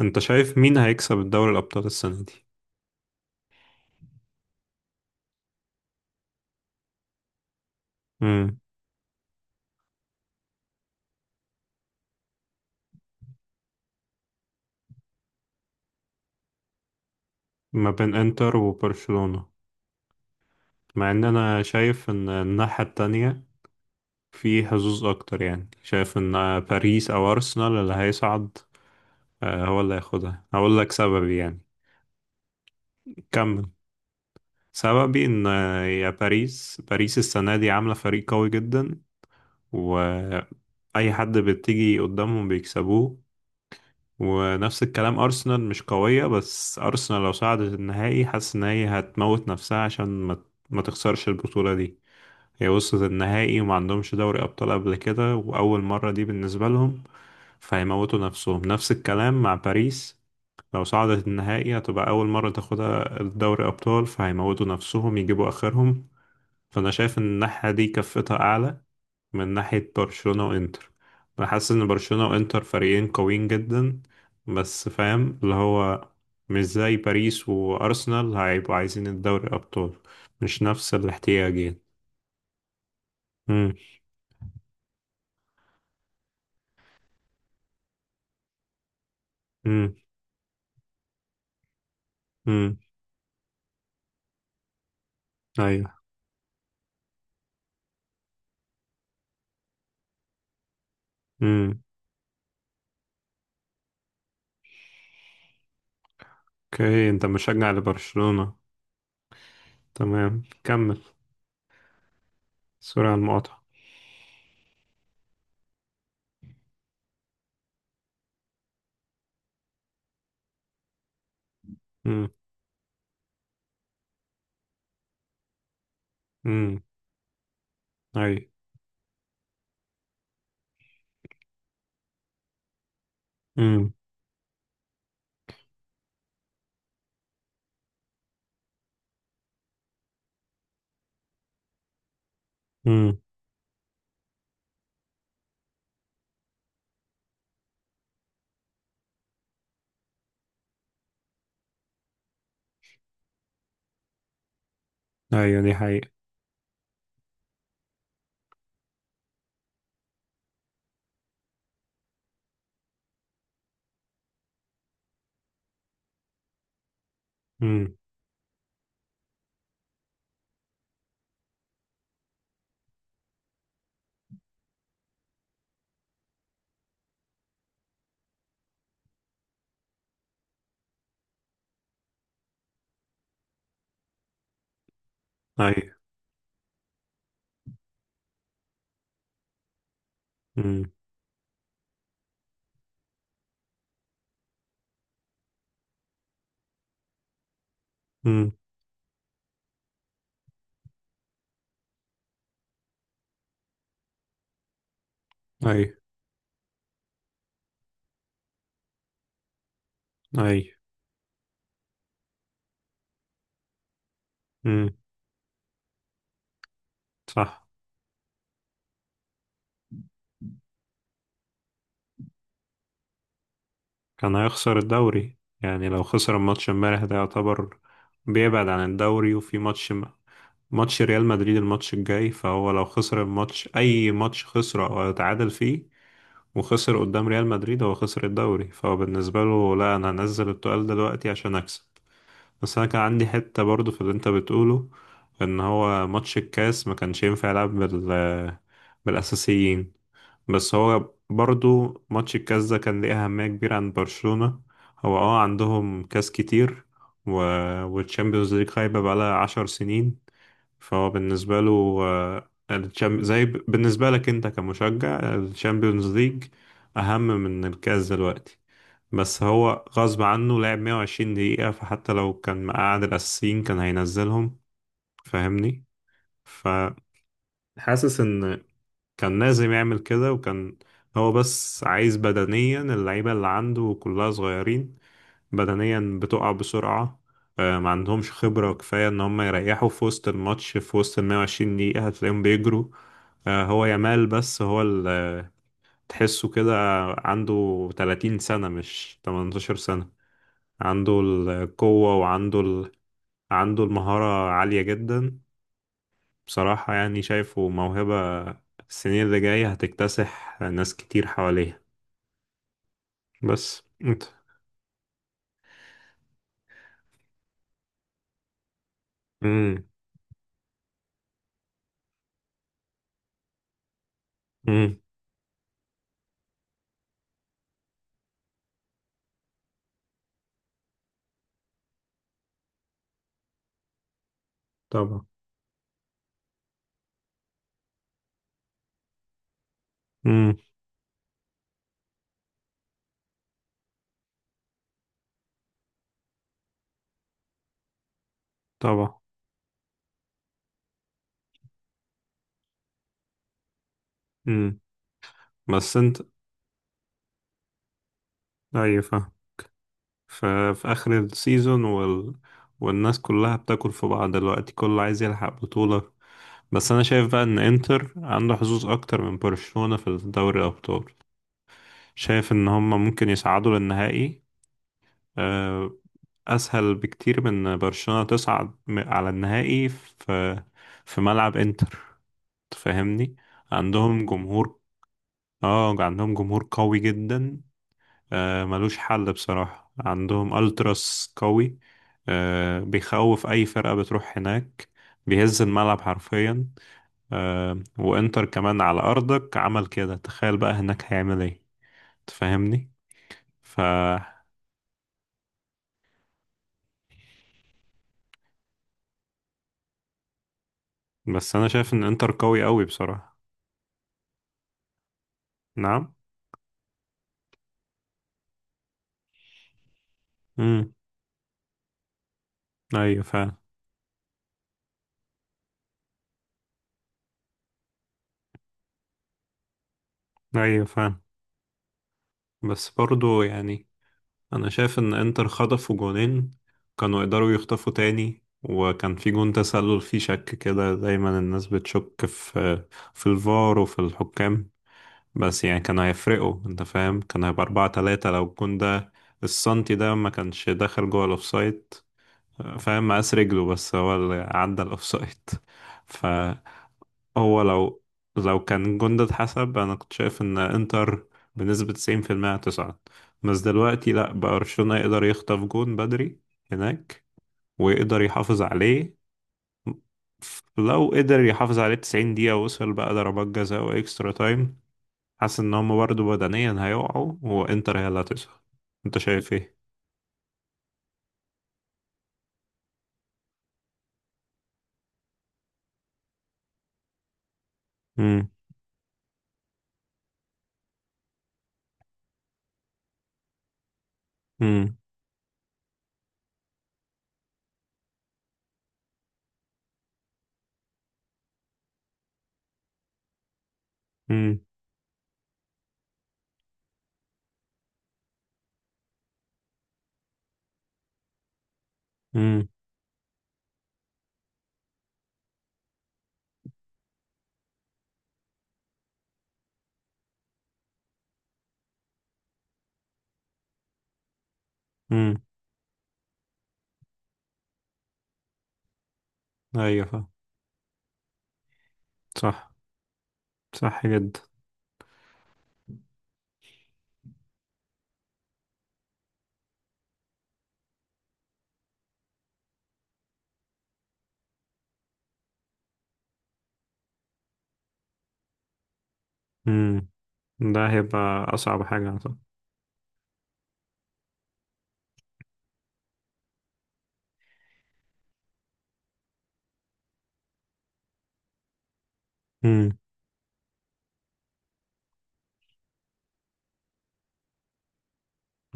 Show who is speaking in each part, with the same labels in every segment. Speaker 1: انت شايف مين هيكسب الدوري الابطال السنه دي؟ مم. ما بين انتر وبرشلونه. مع ان انا شايف ان الناحيه التانية في حظوظ اكتر، يعني شايف ان باريس او ارسنال اللي هيصعد. آه، هو اللي هياخدها، هقول لك سببي يعني. كمل. سببي ان يا باريس باريس السنه دي عامله فريق قوي جدا، و اي حد بتيجي قدامهم بيكسبوه. ونفس الكلام أرسنال مش قوية، بس أرسنال لو صعدت النهائي حاسس إن هي هتموت نفسها عشان ما تخسرش البطولة دي. هي وصلت النهائي وما عندهمش دوري أبطال قبل كده، وأول مرة دي بالنسبة لهم، فهيموتوا نفسهم. نفس الكلام مع باريس، لو صعدت النهائي هتبقى أول مرة تاخدها الدوري أبطال، فهيموتوا نفسهم يجيبوا آخرهم. فأنا شايف إن الناحية دي كفتها أعلى من ناحية برشلونة وإنتر. أنا حاسس إن برشلونة وإنتر فريقين قويين جدا، بس فاهم اللي هو مش زي باريس وأرسنال، هيبقوا عايزين الدوري أبطال، مش نفس الاحتياج يعني. مم. مم. مم. أيوة. مم. أوكي، أنت مشجع لبرشلونة، تمام، كمل. سوري على المقاطعة. مم. مم. أيوة. مم. مم. أيوة دي حقيقة. مم. أيوة. مم. مم. أيوة. أيوة. مم. صح. كان هيخسر الدوري يعني، لو خسر الماتش امبارح ده يعتبر بيبعد عن الدوري، وفي ماتش ريال مدريد الماتش الجاي، فهو لو خسر الماتش أي ماتش خسره أو اتعادل فيه وخسر قدام ريال مدريد هو خسر الدوري، فهو بالنسبة له لا، أنا هنزل التقال دلوقتي عشان أكسب. بس انا كان عندي حتة برضو في اللي انت بتقوله، ان هو ماتش الكاس ما كانش ينفع يلعب بالاساسيين. بس هو برضو ماتش الكاس ده كان ليه اهمية كبيرة عند برشلونة، هو عندهم كاس كتير و... والتشامبيونز ليج خايبة بقالها 10 سنين. فهو بالنسبة له، زي بالنسبة لك انت كمشجع، الشامبيونز ليج اهم من الكاس دلوقتي. بس هو غصب عنه لعب 120 دقيقة، فحتى لو كان مقعد الأساسيين كان هينزلهم، فاهمني؟ فحاسس إن كان لازم يعمل كده، وكان هو بس عايز بدنيا اللعيبة اللي عنده كلها صغيرين، بدنيا بتقع بسرعة. ما عندهمش خبرة كفاية إن هم يريحوا في وسط الماتش، في وسط ال 120 دقيقة هتلاقيهم بيجروا. هو يامال بس هو اللي تحسه كده، عنده 30 سنة مش 18، عنده القوة وعنده عنده المهارة عالية جدا. بصراحة يعني شايفه موهبة، السنين اللي جاية هتكتسح ناس كتير حواليها. بس انت. امم. امم. طبعا. امم. طبعا. امم. بس انت. ايوه، فاهم. ف... في آخر السيزون والناس كلها بتاكل في بعض دلوقتي، كله عايز يلحق بطولة. بس انا شايف بقى ان انتر عنده حظوظ اكتر من برشلونة في دوري الابطال، شايف ان هم ممكن يصعدوا للنهائي. آه، أسهل بكتير من برشلونة تصعد على النهائي في ملعب إنتر، تفهمني؟ عندهم جمهور. اه، عندهم جمهور قوي جدا. آه ملوش حل بصراحة، عندهم ألتراس قوي، آه بيخوف أي فرقة بتروح هناك، بيهز الملعب حرفيا. آه وإنتر كمان على أرضك عمل كده، تخيل بقى هناك هيعمل إيه، تفهمني؟ ف بس أنا شايف إن إنتر قوي قوي بصراحة. نعم. ايوه فعلا. ايوه فعلا. بس برضو يعني، انا شايف ان انتر خطفوا جونين، كانوا يقدروا يخطفوا تاني، وكان في جون تسلل فيه شك، كده دايما الناس بتشك في الفار وفي الحكام. بس يعني كانوا هيفرقوا، انت فاهم، كان هيبقى 4-3 لو الجون ده السنتي ده ما كانش دخل جوه الأوفسايد، فاهم، مقاس رجله بس هو اللي عدى الأوفسايد ف هو لو كان جندد حسب، انا كنت شايف ان انتر بنسبة 90% هتصعد. بس دلوقتي لا، بقى برشلونة يقدر يخطف جون بدري هناك ويقدر يحافظ عليه، لو قدر يحافظ عليه 90 دقيقة وصل بقى ضربات جزاء واكسترا تايم، حاسس ان هم برضه بدنيا هيقعوا وانتر هي اللي هتصعد. انت شايف ايه؟ امم. امم. امم. امم. امم. ايوه، صح، صح جدا. امم. ده هيبقى اصعب حاجة طبعا.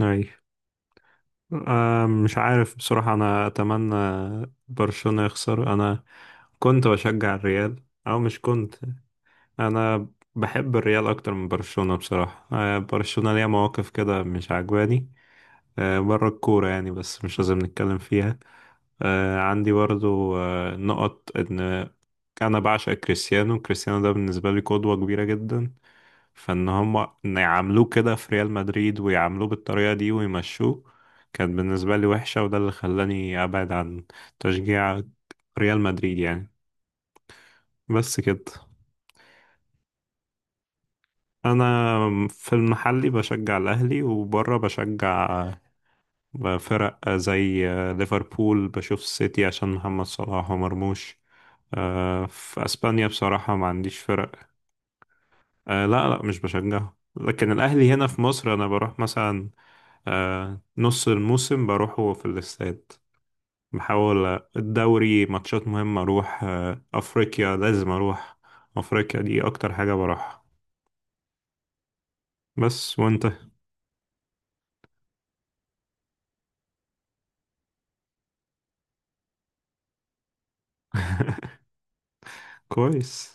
Speaker 1: أي. آه، مش عارف بصراحة، أنا أتمنى برشلونة يخسر، أنا كنت بشجع الريال أو مش كنت، أنا بحب الريال أكتر من برشلونة بصراحة. آه برشلونة ليها مواقف كده مش عجباني، آه بره الكورة يعني، بس مش لازم نتكلم فيها. آه عندي برضو نقط إن أنا بعشق كريستيانو، كريستيانو ده بالنسبة لي قدوة كبيرة جدا. فان هم، إن يعاملوه كده في ريال مدريد ويعاملوه بالطريقة دي ويمشوه، كانت بالنسبة لي وحشة، وده اللي خلاني ابعد عن تشجيع ريال مدريد يعني. بس كده. انا في المحلي بشجع الاهلي، وبره بشجع فرق زي ليفربول، بشوف السيتي عشان محمد صلاح ومرموش. في اسبانيا بصراحة ما عنديش فرق. لا، لا مش بشجعه، لكن الاهلي هنا في مصر انا بروح مثلا آه نص الموسم بروحه في الاستاد. بحاول الدوري ماتشات مهمة أروح، أفريقيا لازم أروح، أفريقيا دي أكتر حاجة بروحها. بس وأنت كويس.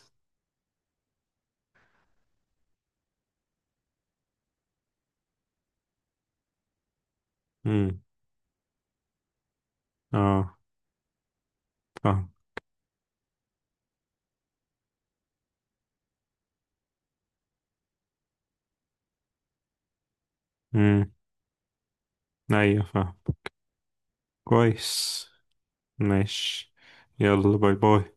Speaker 1: مم. اه، فاهم. مم. أيوة فاهم، كويس، ماشي، يلا باي باي.